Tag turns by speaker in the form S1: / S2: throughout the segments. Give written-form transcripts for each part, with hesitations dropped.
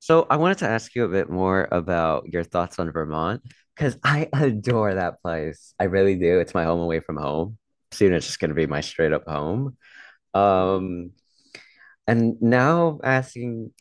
S1: So I wanted to ask you a bit more about your thoughts on Vermont because I adore that place. I really do. It's my home away from home. Soon it's just going to be my straight up home. Um, and now asking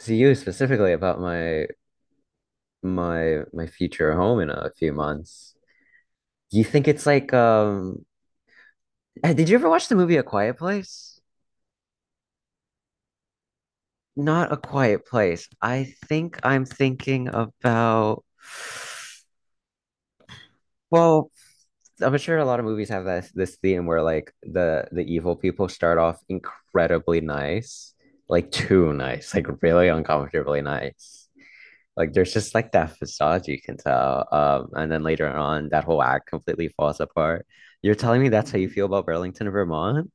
S1: to you specifically about my my future home in a few months. Do you think it's like did you ever watch the movie A Quiet Place? Not A Quiet Place. I think I'm thinking about, well, I'm sure a lot of movies have this theme where like the evil people start off incredibly nice, like too nice, like really uncomfortably nice. Like there's just like that facade you can tell. And then later on, that whole act completely falls apart. You're telling me that's how you feel about Burlington, Vermont?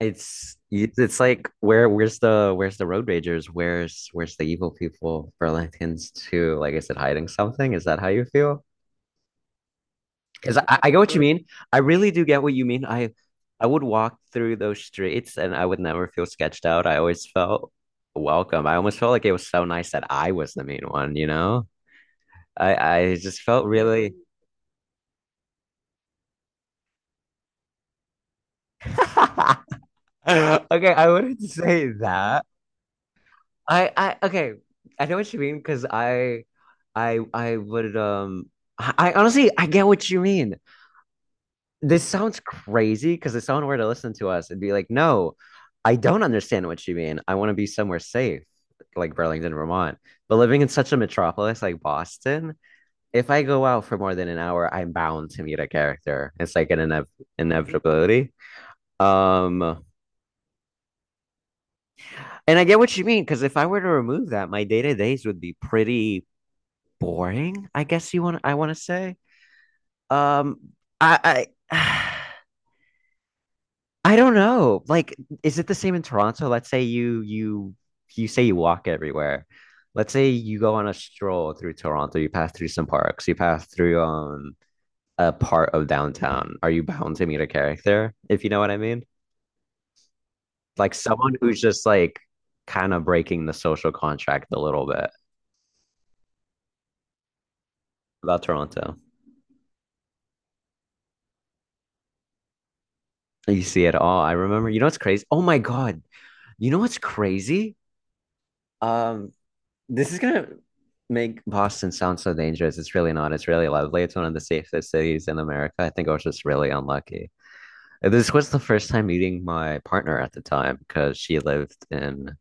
S1: It's like where's the road ragers? Where's the evil people? Burlington's too. Like, is it hiding something? Is that how you feel? Because I get what you mean. I really do get what you mean. I would walk through those streets and I would never feel sketched out. I always felt welcome. I almost felt like it was so nice that I was the main one, you know? I just felt really. Okay, I wouldn't say that. I okay, I know what you mean because I I would um I honestly, I get what you mean. This sounds crazy because if someone were to listen to us, it'd be like, no, I don't understand what you mean. I want to be somewhere safe, like Burlington, Vermont. But living in such a metropolis like Boston, if I go out for more than an hour, I'm bound to meet a character. It's like an inevitability. Um, and I get what you mean because if I were to remove that, my day to days would be pretty boring. I guess you want I want to say. Um, I. I don't know. Like, is it the same in Toronto? Let's say you say you walk everywhere. Let's say you go on a stroll through Toronto, you pass through some parks, you pass through a part of downtown. Are you bound to meet a character, if you know what I mean? Like someone who's just like kind of breaking the social contract a little bit about Toronto. You see it all. I remember, you know what's crazy? Oh my God. You know what's crazy? Um, This is gonna make Boston sound so dangerous. It's really not. It's really lovely. It's one of the safest cities in America. I think I was just really unlucky. This was the first time meeting my partner at the time because she lived in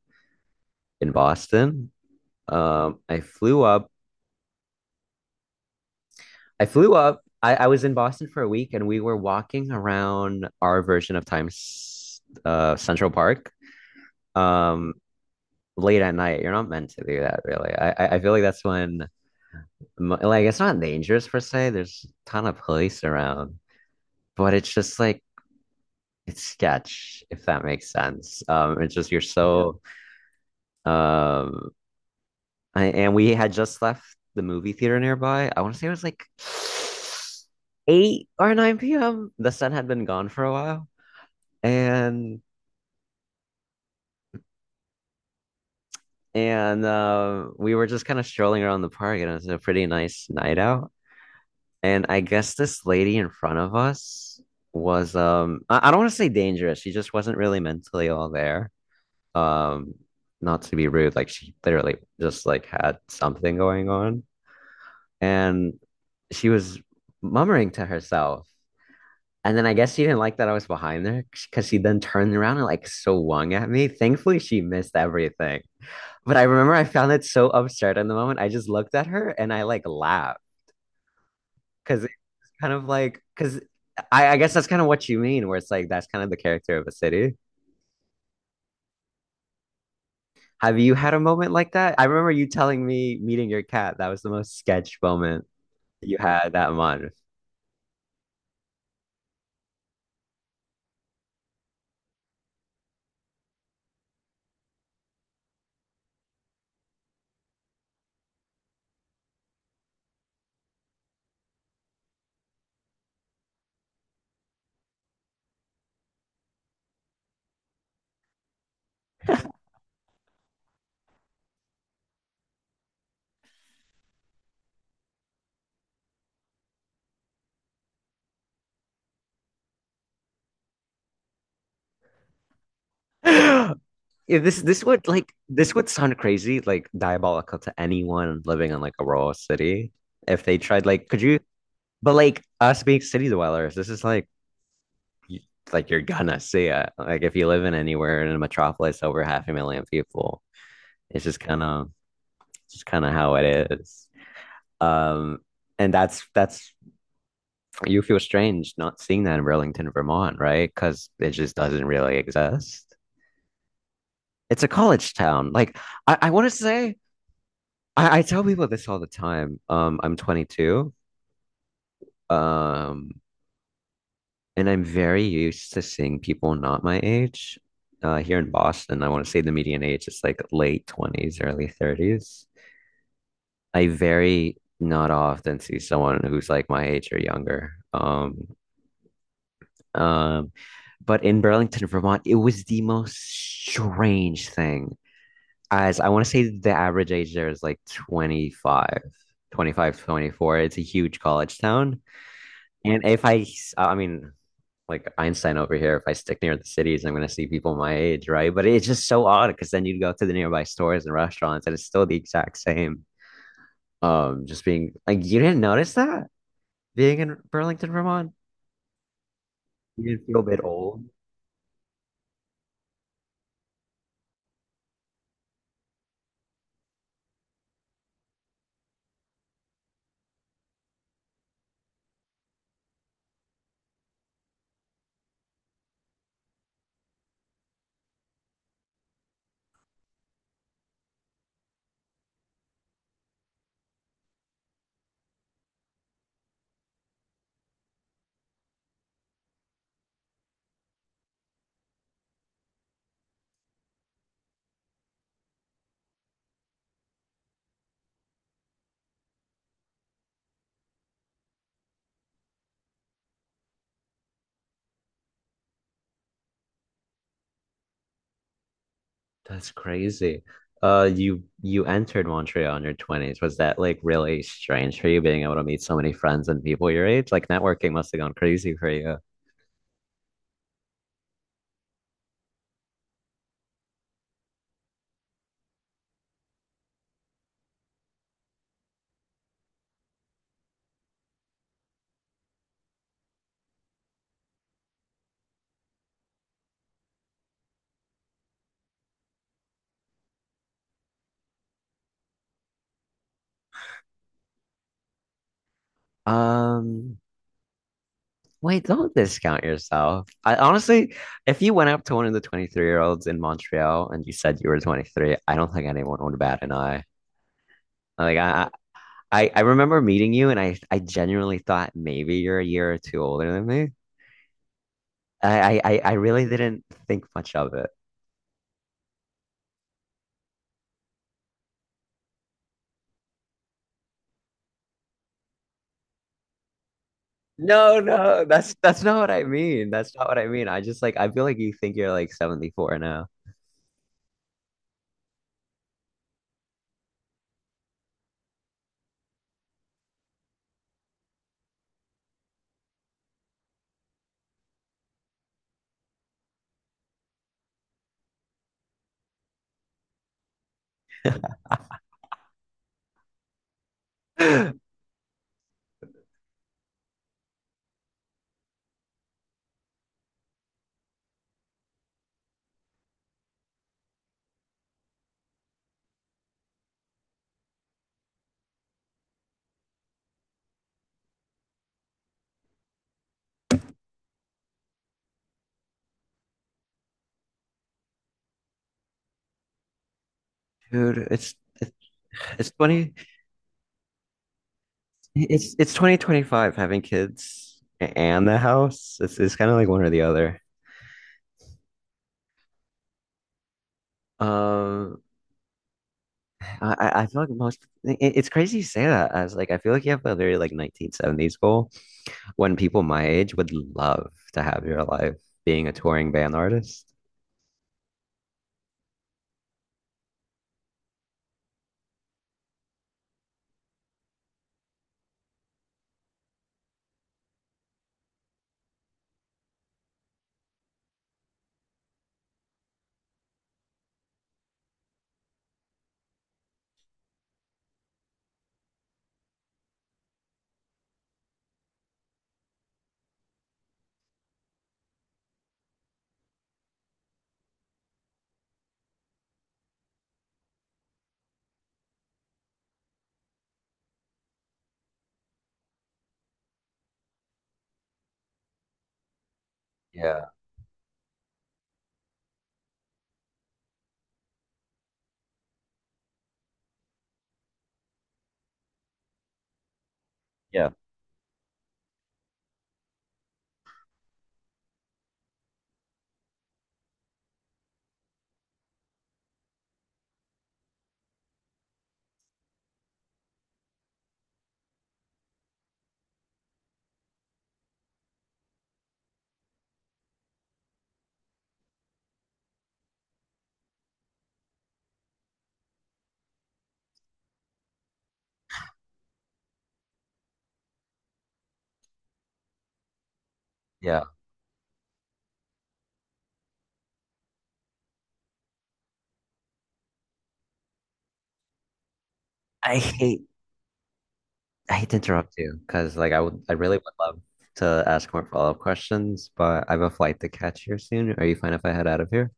S1: in Boston. I flew up. I flew up. I was in Boston for a week, and we were walking around our version of Times Central Park, um, late at night. You're not meant to do that, really. I feel like that's when, like, it's not dangerous per se. There's a ton of police around, but it's just like it's sketch, if that makes sense. It's just you're Yeah. So um, and we had just left the movie theater nearby. I want to say it was like 8 or 9 p.m. The sun had been gone for a while, and we were just kind of strolling around the park, and it was a pretty nice night out. And I guess this lady in front of us I don't want to say, dangerous. She just wasn't really mentally all there. Um Not to be rude, like she literally just like had something going on. And she was murmuring to herself. And then I guess she didn't like that I was behind her because she then turned around and like swung at me. Thankfully, she missed everything. But I remember I found it so absurd in the moment. I just looked at her and I like laughed because, kind of like, because I guess that's kind of what you mean, where it's like that's kind of the character of a city. Have you had a moment like that? I remember you telling me meeting your cat. That was the most sketch moment you had that month. Yeah, this would sound crazy, like diabolical to anyone living in like a rural city. If they tried, like, could you? But like us being city dwellers, this is like, y- like, you're gonna see it. Like if you live in anywhere in a metropolis over half a million people, it's just kind of. It's kind of how it is. Um, and that's you feel strange not seeing that in Burlington, Vermont, right? Because it just doesn't really exist. It's a college town. Like I want to say, I tell people this all the time. I'm 22, um, and I'm very used to seeing people not my age. Here in Boston, I want to say the median age is like late 20s, early 30s. I very not often see someone who's like my age or younger. Um, but in Burlington, Vermont, it was the most strange thing. As I want to say the average age there is like 25, 25, 24. It's a huge college town. And if I, I mean, like Einstein over here, if I stick near the cities, I'm going to see people my age, right? But it's just so odd because then you'd go to the nearby stores and restaurants and it's still the exact same. Just being like, you didn't notice that being in Burlington, Vermont? You didn't feel a bit old? That's crazy. You entered Montreal in your 20s. Was that like really strange for you being able to meet so many friends and people your age? Like networking must have gone crazy for you. Um, Wait, don't discount yourself. I honestly, if you went up to one of the 23-year-olds in Montreal and you said you were 23, I don't think anyone would bat an eye. Like I remember meeting you and I genuinely thought maybe you're a year or two older than me. I really didn't think much of it. No, no, that's not what I mean. That's not what I mean. I just like I feel like you think you're like 74 now. Dude, it's it's, it's funny. It's 2025 having kids and the house. It's kind of like one or the other. Um, I feel like it's crazy you say that as like I feel like you have a very like 1970s goal when people my age would love to have your life being a touring band artist. Yeah, yeah, yeah. I hate I hate to interrupt you because like I really would love to ask more follow-up questions, but I have a flight to catch here soon. Are you fine if I head out of here?